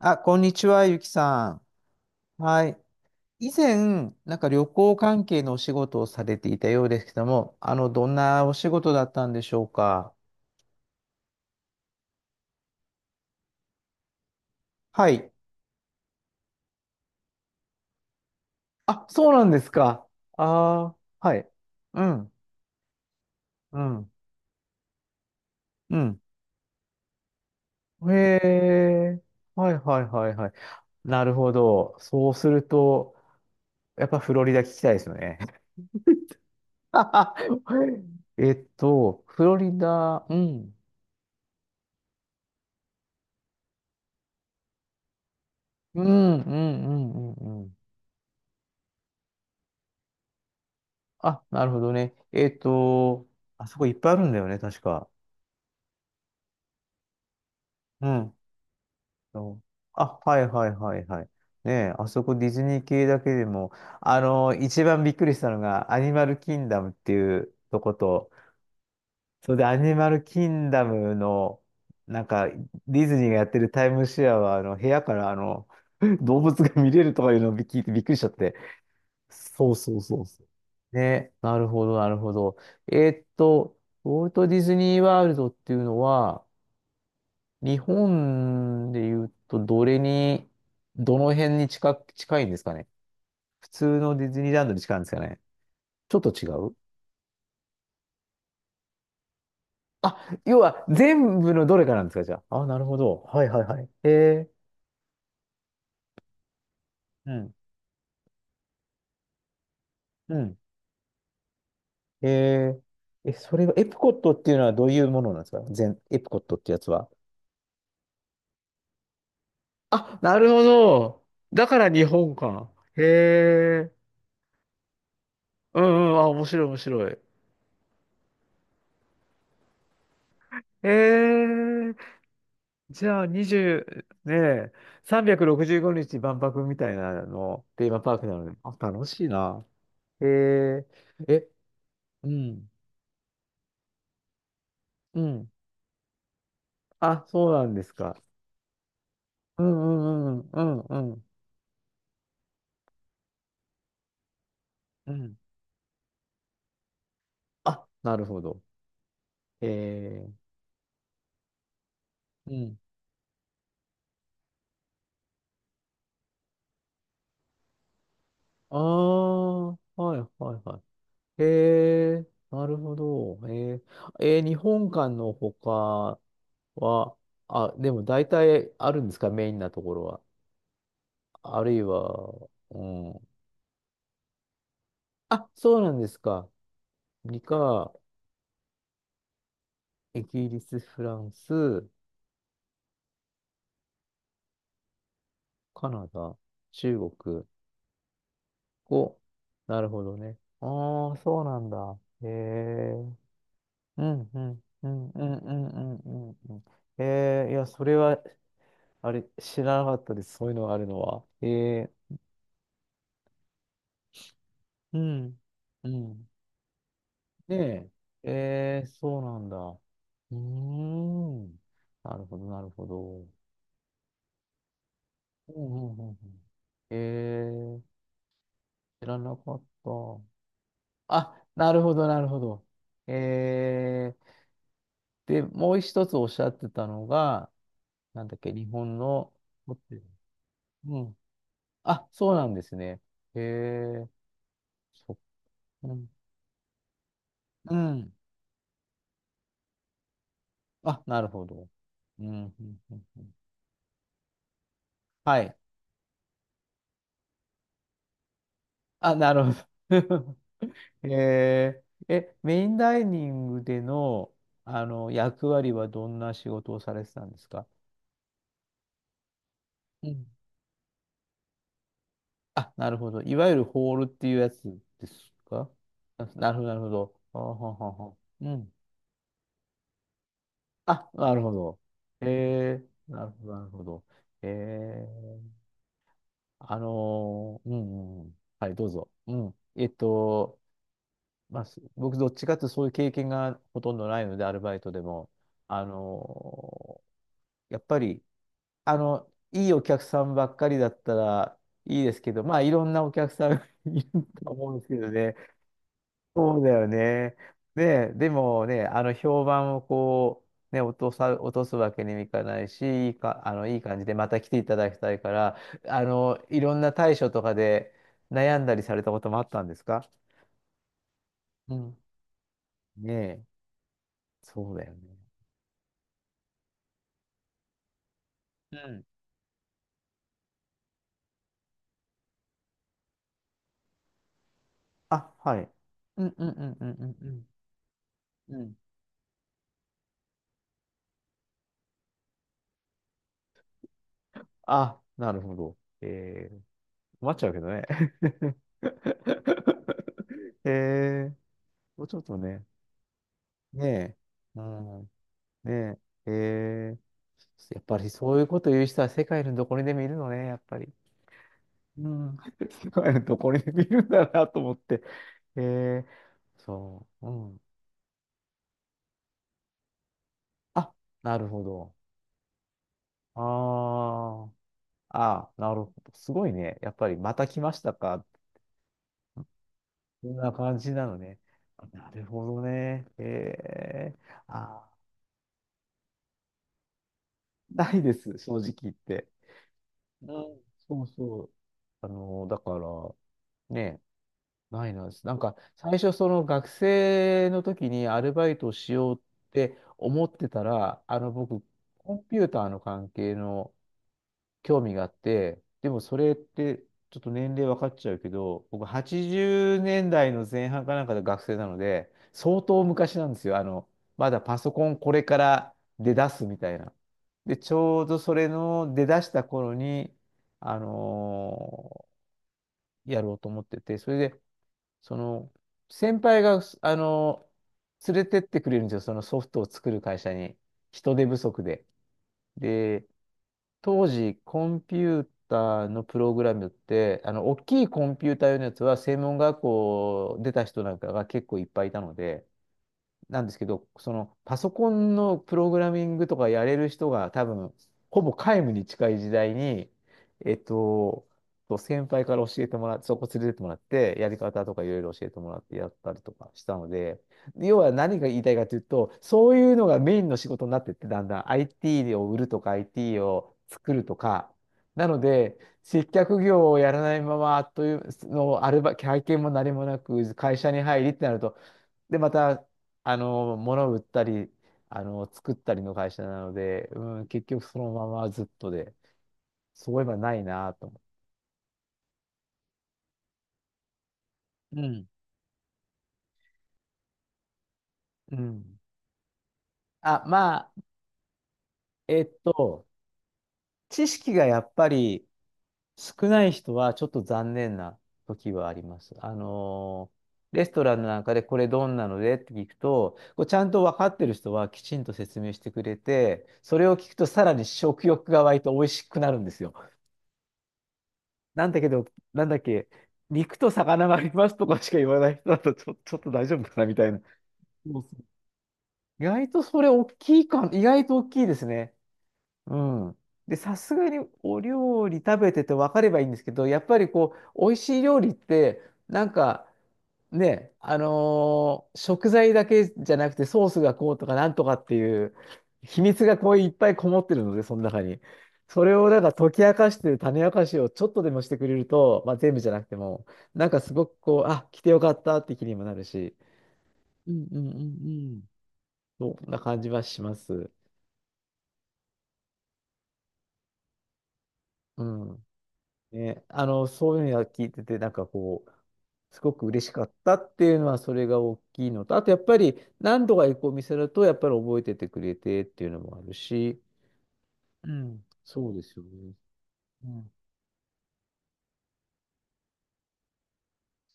あ、こんにちは、ゆきさん。はい。以前、なんか旅行関係のお仕事をされていたようですけども、どんなお仕事だったんでしょうか。はい。あ、そうなんですか。ああ、はい。うん、うん、うん。へえ。はいはいはいはい。なるほど。そうすると、やっぱフロリダ聞きたいですよね。フロリダ、うん、うん、うん、うん、うん。あ、なるほどね。あそこいっぱいあるんだよね、確か。うん。そう、あ、はいはいはいはい。ねえ、あそこディズニー系だけでも、一番びっくりしたのが、アニマルキンダムっていうとこと、それでアニマルキンダムの、なんか、ディズニーがやってるタイムシェアは、部屋から、動物が見れるとかいうのを聞いてびっくりしちゃって。そうそうそうそう。ね、なるほど、なるほど。えーっと、ウォルト・ディズニー・ワールドっていうのは、日本で言うと、どれに、どの辺に近く、近いんですかね。普通のディズニーランドに近いんですかね。ちょっと違う、あ、要は全部のどれかなんですか、じゃあ。あ、なるほど。はいはいはい。えー、うん、うん。えー、え、それは、エプコットっていうのはどういうものなんですか、全、エプコットってやつは。あ、なるほど。だから日本か。へえ。うんうん。あ、面白い面白い。ええ。じゃあ20、ねえ、365日万博みたいなの、テーマパークなので。あ、楽しいな。へえ。え、うん。うん。あ、そうなんですか。うんうんうんうんうんうん。あ、なるほど。へえ。うん。ああ、はいはいはい、へえ、なるほど。へえ、えー日本館の他は、あ、でも大体あるんですか、メインなところは。あるいは、うん。あ、そうなんですか。理科、イギリス、フランス、カナダ、中国、お、なるほどね。ああ、そうなんだ。へえ、うん、うん、うん、うん、うん、うん、うんうん。へえ、いや、それは、あれ、知らなかったです。そういうのがあるのは。へえ、うん。うん。で、えー、そうなんだ。うーん。なるほど、なるほど。うんうんうんうん。えー、知らなかった。あ、なるほど、なるほど。えー、で、もう一つおっしゃってたのが、なんだっけ、日本のホテル。うん。あ、そうなんですね。えー、そっか、うん。うん。あ、なるほど。うん。うんうんうん、はい。あ、なるほど。えー、え、メインダイニングでの、あの役割はどんな仕事をされてたんですか。うん、あ、なるほど。いわゆるホールっていうやつですか。あ、なるほど、なるほど。あははは。うん。あ、なるほど。えー、なるほど、なるほど。えー、うん、うん、うん。はい、どうぞ。うん。まあ、す、僕、どっちかっていうとそういう経験がほとんどないので、アルバイトでも。あのやっぱり、いいお客さんばっかりだったらいいですけど、まあ、いろんなお客さんが いると思うんですけどね。そうだよね。で、でもね、評判をこう、ね、落とすわけにもいかないし、いいか、いい感じでまた来ていただきたいから、いろんな対処とかで悩んだりされたこともあったんですか。うん。ねえ、そうだよね。うん。あ、はい。うんうんうんうんうんうん。うん、あ、なるほど。えー、困っちゃうけどね。ええ、もうちょっとね、ねえ、うん、ねえ、ええ、やっぱりそういうこと言う人は世界のどこにでもいるのね、やっぱり。うん、世界のどこにでもいるんだなと思って。ええ、そう、うん。あ、なるほど。ああ、ああ、なるほど。すごいね。やっぱりまた来ましたか。こんな感じなのね。なるほどね。ええ、ああ。ないです、正直言って。うん、そうそう。だから、ね、ないなんです。なんか、最初、その学生の時にアルバイトをしようって思ってたら、僕、コンピューターの関係の、興味があって、でもそれってちょっと年齢分かっちゃうけど、僕80年代の前半かなんかで学生なので、相当昔なんですよ。まだパソコンこれから出だすみたいな。で、ちょうどそれの出だした頃に、あのやろうと思ってて、それで、その、先輩が、連れてってくれるんですよ。そのソフトを作る会社に。人手不足で。で、当時、コンピューターのプログラムって、大きいコンピューター用のやつは、専門学校出た人なんかが結構いっぱいいたので、なんですけど、そのパソコンのプログラミングとかやれる人が多分、ほぼ皆無に近い時代に、えっと、先輩から教えてもらって、そこ連れてってもらって、やり方とかいろいろ教えてもらってやったりとかしたので、要は何が言いたいかというと、そういうのがメインの仕事になってって、だんだん IT を売るとか IT を作るとか、なので、接客業をやらないままというのアルバ、経験も何もなく、会社に入りってなると、で、また、物を売ったり、作ったりの会社なので、うん、結局そのままずっとで、そういえばないなと思う。うん。うん。あ、まあ、えっと、知識がやっぱり少ない人はちょっと残念な時はあります。レストランなんかでこれどんなのでって聞くと、こうちゃんと分かってる人はきちんと説明してくれて、それを聞くとさらに食欲が湧いて美味しくなるんですよ。なんだけど、なんだっけ、肉と魚がありますとかしか言わない人だと、ちょ、ちょっと大丈夫かなみたいな。そうそう、意外とそれ大きいか、意外と大きいですね。うん。で、さすがにお料理食べてて分かればいいんですけど、やっぱりこう、美味しい料理って、なんか、ね、食材だけじゃなくてソースがこうとかなんとかっていう秘密がこういっぱいこもってるので、その中に。それをなんか解き明かしてる種明かしをちょっとでもしてくれると、まあ、全部じゃなくても、なんかすごくこう、あ、来てよかったって気にもなるし、うんうんうんうん。そんな感じはします。うん。ね、そういうのは聞いてて、なんかこう、すごく嬉しかったっていうのは、それが大きいのと、あとやっぱり何度か行くお店だと、やっぱり覚えててくれてっていうのもあるし、うん、そうですよね。うん、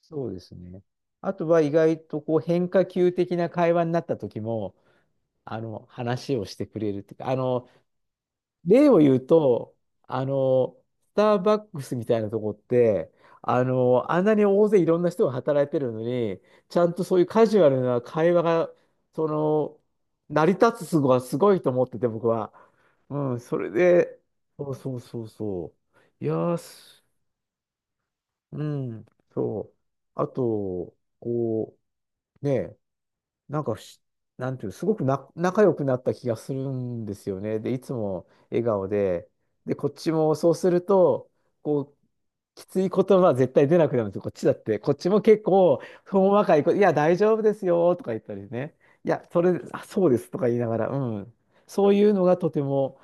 そうですね。あとは意外とこう変化球的な会話になった時も、話をしてくれるっていうか、例を言うと、あの、スターバックスみたいなとこって、あんなに大勢いろんな人が働いてるのに、ちゃんとそういうカジュアルな会話が、その、成り立つすごはすごいと思ってて、僕は。うん、それで、そうそうそうそう。いやー、す、うん、そう。あと、こう、ね、なんかふし、なんていう、すごくな、仲良くなった気がするんですよね。で、いつも笑顔で、で、こっちもそうすると、こう、きつい言葉絶対出なくなるんですよ。こっちだって。こっちも結構、ほんわかいいや、大丈夫ですよ、とか言ったりね。いや、それ、あ、そうです、とか言いながら、うん。そういうのがとても、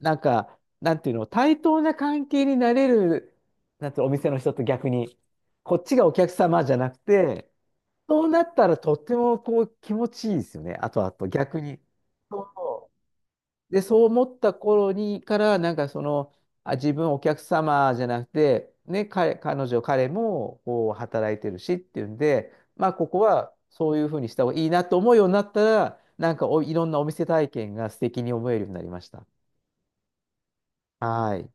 なんか、なんていうの、対等な関係になれる、なんていうの、お店の人と逆に、こっちがお客様じゃなくて、そうなったらとってもこう気持ちいいですよね。あとあと逆に。そうそう。で、そう思った頃にから、なんかその、あ、自分お客様じゃなくて、ね、彼、彼女、彼もこう働いてるしっていうんで、まあここはそういうふうにした方がいいなと思うようになったら、なんかお、いろんなお店体験が素敵に思えるようになりました。はい。